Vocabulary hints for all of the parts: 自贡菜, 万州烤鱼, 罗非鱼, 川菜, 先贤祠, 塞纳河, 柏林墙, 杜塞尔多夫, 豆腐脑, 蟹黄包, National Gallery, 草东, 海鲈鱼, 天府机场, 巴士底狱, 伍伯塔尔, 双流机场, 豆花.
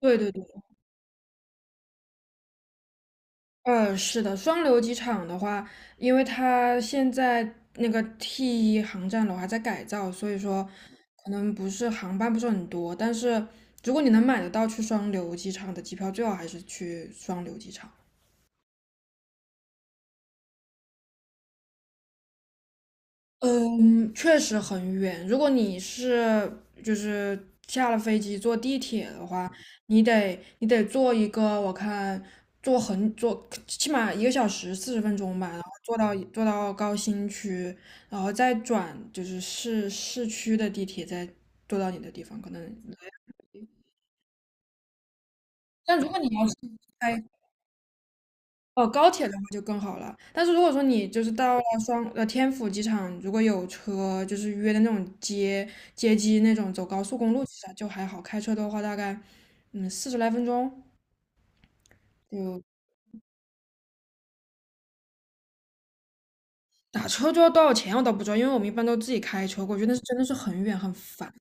对对对。是的，双流机场的话，因为它现在那个 T1航站楼还在改造，所以说可能不是航班不是很多，但是如果你能买得到去双流机场的机票，最好还是去双流机场。嗯，确实很远。如果就是下了飞机坐地铁的话，你得坐一个，我看坐起码1个小时40分钟吧，然后坐到高新区，然后再转就是市区的地铁，再坐到你的地方。可能，但如果你要是开哦，高铁的话就更好了。但是如果说你就是到了天府机场，如果有车，就是约的那种接机那种，走高速公路其实就还好。开车的话，大概40来分钟。就打车就要多少钱我倒不知道，因为我们一般都自己开车过去，那是真的是很远很烦。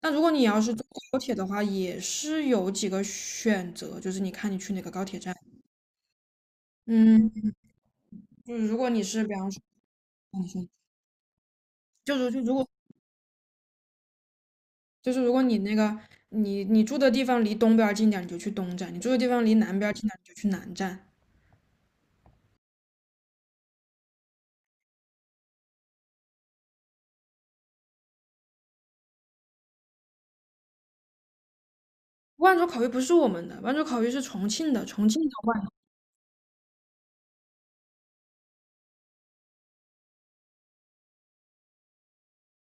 那如果你要是坐高铁的话，也是有几个选择，就是你看你去哪个高铁站。嗯，就是如果你是比方说，你说就是就如果就是如果你那个你住的地方离东边儿近点儿你就去东站；你住的地方离南边儿近点儿你就去南站。万州烤鱼不是我们的，万州烤鱼是重庆的，重庆的万。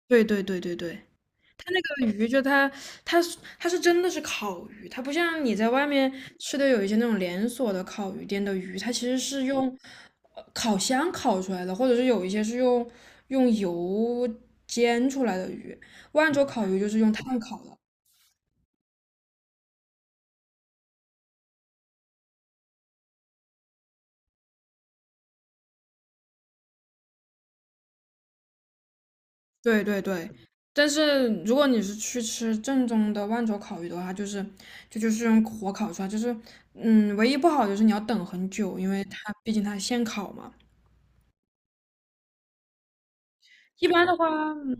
对对对对对。这个鱼就它是真的是烤鱼，它不像你在外面吃的有一些那种连锁的烤鱼店的鱼，它其实是用烤箱烤出来的，或者是有一些是用油煎出来的鱼。万州烤鱼就是用炭烤的。对对对。但是如果你是去吃正宗的万州烤鱼的话，就是就是用火烤出来，就是唯一不好就是你要等很久，因为它毕竟它现烤嘛。一般的话，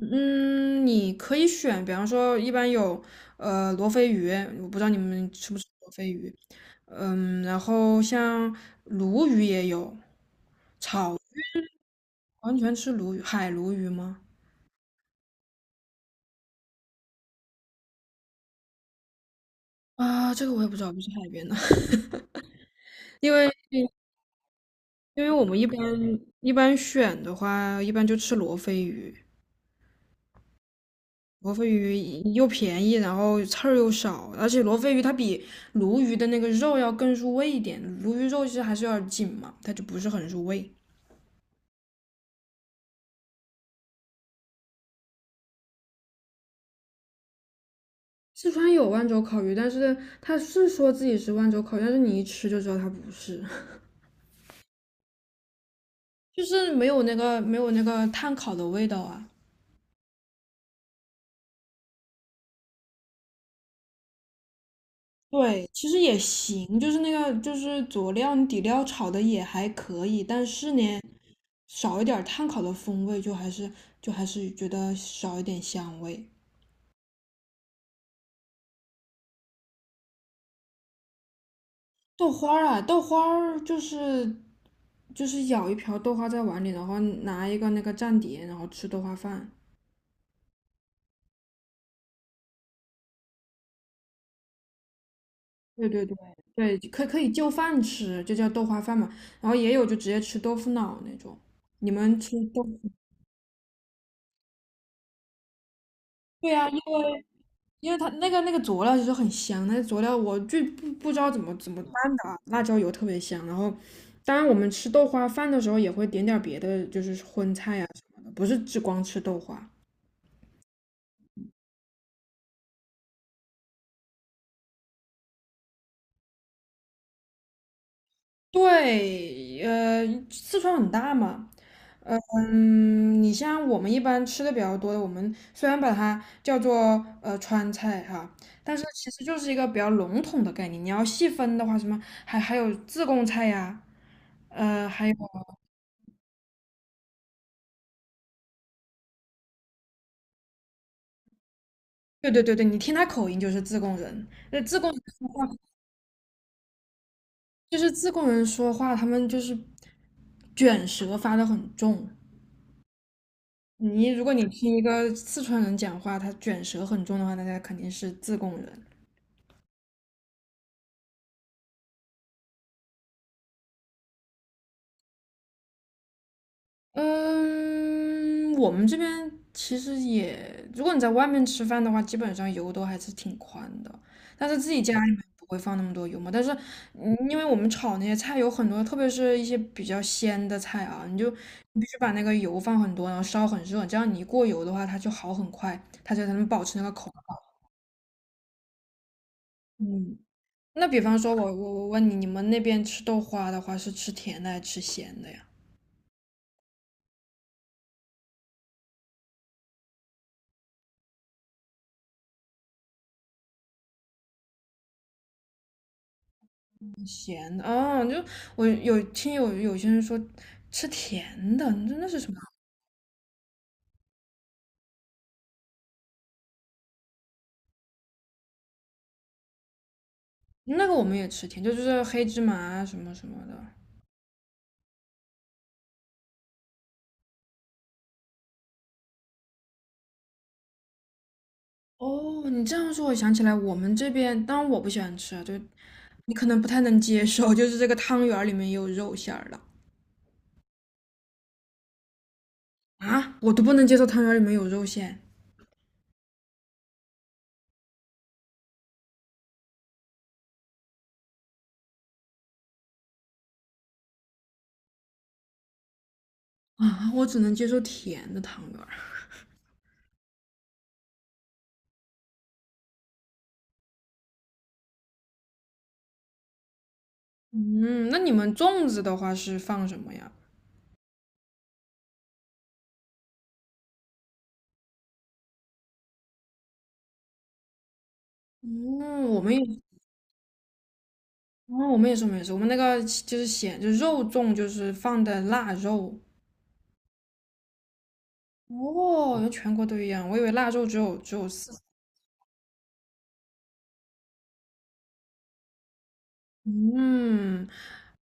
嗯，你可以选，比方说一般有罗非鱼，我不知道你们吃不吃罗非鱼，嗯，然后像鲈鱼也有，完全吃鲈鱼，海鲈鱼吗？啊，这个我也不知道，不是海边的，因为因为我们一般选的话，一般就吃罗非鱼。罗非鱼又便宜，然后刺儿又少，而且罗非鱼它比鲈鱼的那个肉要更入味一点。鲈鱼肉其实还是有点紧嘛，它就不是很入味。四川有万州烤鱼，但是它是说自己是万州烤鱼但是你一吃就知道它不是，就是没有那个炭烤的味道啊。对，其实也行，就是那个就是佐料底料炒的也还可以，但是呢，少一点碳烤的风味，就还是觉得少一点香味。豆花儿啊，豆花儿就是舀一瓢豆花在碗里，然后拿一个那个蘸碟，然后吃豆花饭。对对对对。可以就饭吃，就叫豆花饭嘛。然后也有就直接吃豆腐脑那种。你们吃豆腐？对呀。因为它那个佐料其实很香，那个佐料我就不知道怎么拌的啊，辣椒油特别香。然后，当然我们吃豆花饭的时候也会点点儿别的，就是荤菜啊什么的，不是只光吃豆花。对，四川很大嘛，你像我们一般吃的比较多的，我们虽然把它叫做川菜哈，但是其实就是一个比较笼统的概念。你要细分的话，什么还有自贡菜呀、还有。对对对对，你听他口音就是自贡人。那自贡人说话，就是自贡人说话，他们就是卷舌发得很重。如果你听一个四川人讲话，他卷舌很重的话，那他肯定是自贡人。嗯，我们这边其实也，如果你在外面吃饭的话，基本上油都还是挺宽的，但是自己家里面不会放那么多油嘛。但是，因为我们炒那些菜有很多，特别是一些比较鲜的菜啊，你必须把那个油放很多，然后烧很热，这样你一过油的话，它就好很快，它就才能保持那个口感。嗯，那比方说我问你，你们那边吃豆花的话，是吃甜的还是吃咸的呀？咸的哦，就我有听有些人说吃甜的，你说那是什么？那个我们也吃甜，就是黑芝麻啊什么什么的。哦，你这样说，我想起来，我们这边，当然我不喜欢吃啊，就你可能不太能接受，就是这个汤圆儿里面也有肉馅儿的啊，我都不能接受汤圆儿里面有肉馅啊，我只能接受甜的汤圆儿。嗯，那你们粽子的话是放什么呀？嗯，我们也是，我们那个就是咸，就是肉粽，就是放的腊肉。哦，原来全国都一样，我以为腊肉只有四川嗯，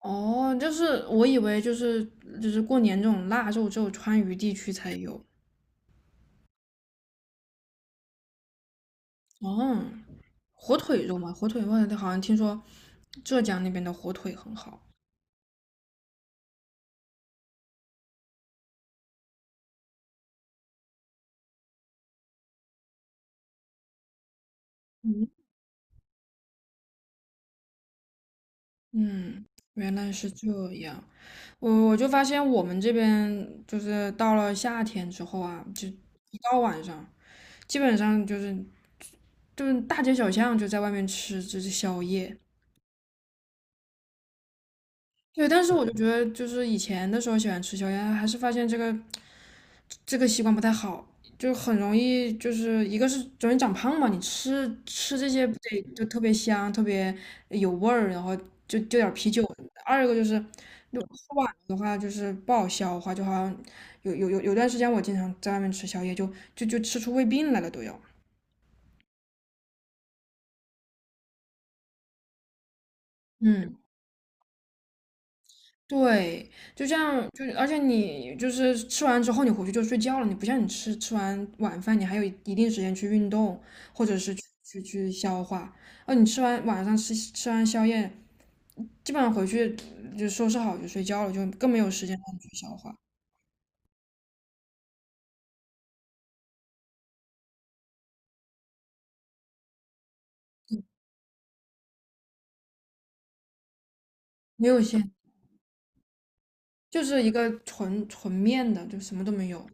哦，就是我以为就是就是过年这种腊肉只有川渝地区才有。哦，火腿肉嘛，火腿肉好像听说浙江那边的火腿很好。嗯嗯，原来是这样。我就发现我们这边就是到了夏天之后啊，就一到晚上。基本上就是大街小巷就在外面吃就是宵夜。对，但是我就觉得就是以前的时候喜欢吃宵夜，还是发现这个习惯不太好，就很容易就是一个是容易长胖嘛，你吃这些不得就特别香，特别有味儿，然后就点啤酒什么的二一个就是的话就是不好消化，就好像有段时间我经常在外面吃宵夜，就吃出胃病来了都要。嗯。对，就这样，就而且你就是吃完之后你回去就睡觉了，你不像你吃完晚饭你还有一定时间去运动或者是去消化，啊，你吃完晚上吃完宵夜，基本上回去就收拾好就睡觉了，就更没有时间让你去消化，没有线，就是一个纯纯面的，就什么都没有。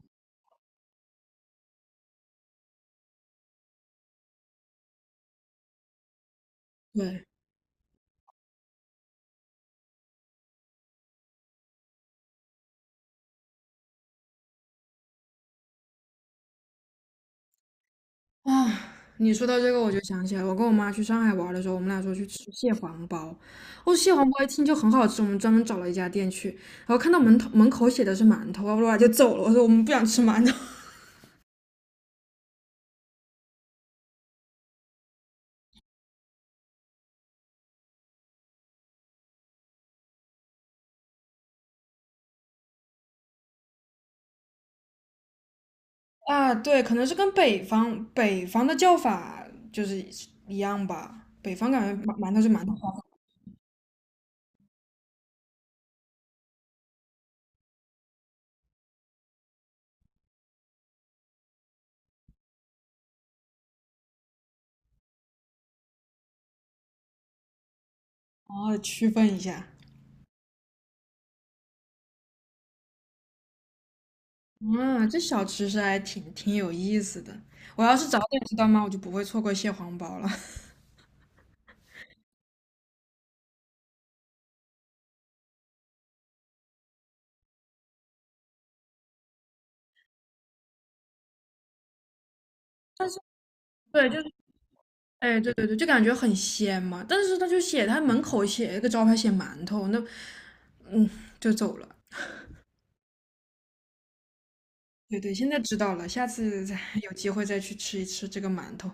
对。啊，你说到这个，我就想起来，我跟我妈去上海玩的时候，我们俩说去吃蟹黄包。哦，蟹黄包一听就很好吃，我们专门找了一家店去，然后看到门口写的是馒头，哇哇就走了。我说我们不想吃馒头。 啊，对，可能是跟北方的叫法就是一样吧，北方感觉馒头是馒头，好区分一下。啊，这小吃是还挺有意思的。我要是早点知道吗，我就不会错过蟹黄包了。但是对，就是。哎，对对对，就感觉很鲜嘛。但是他就写他门口写一个招牌写馒头，那嗯就走了。对对，现在知道了，下次再有机会再去吃一吃这个馒头。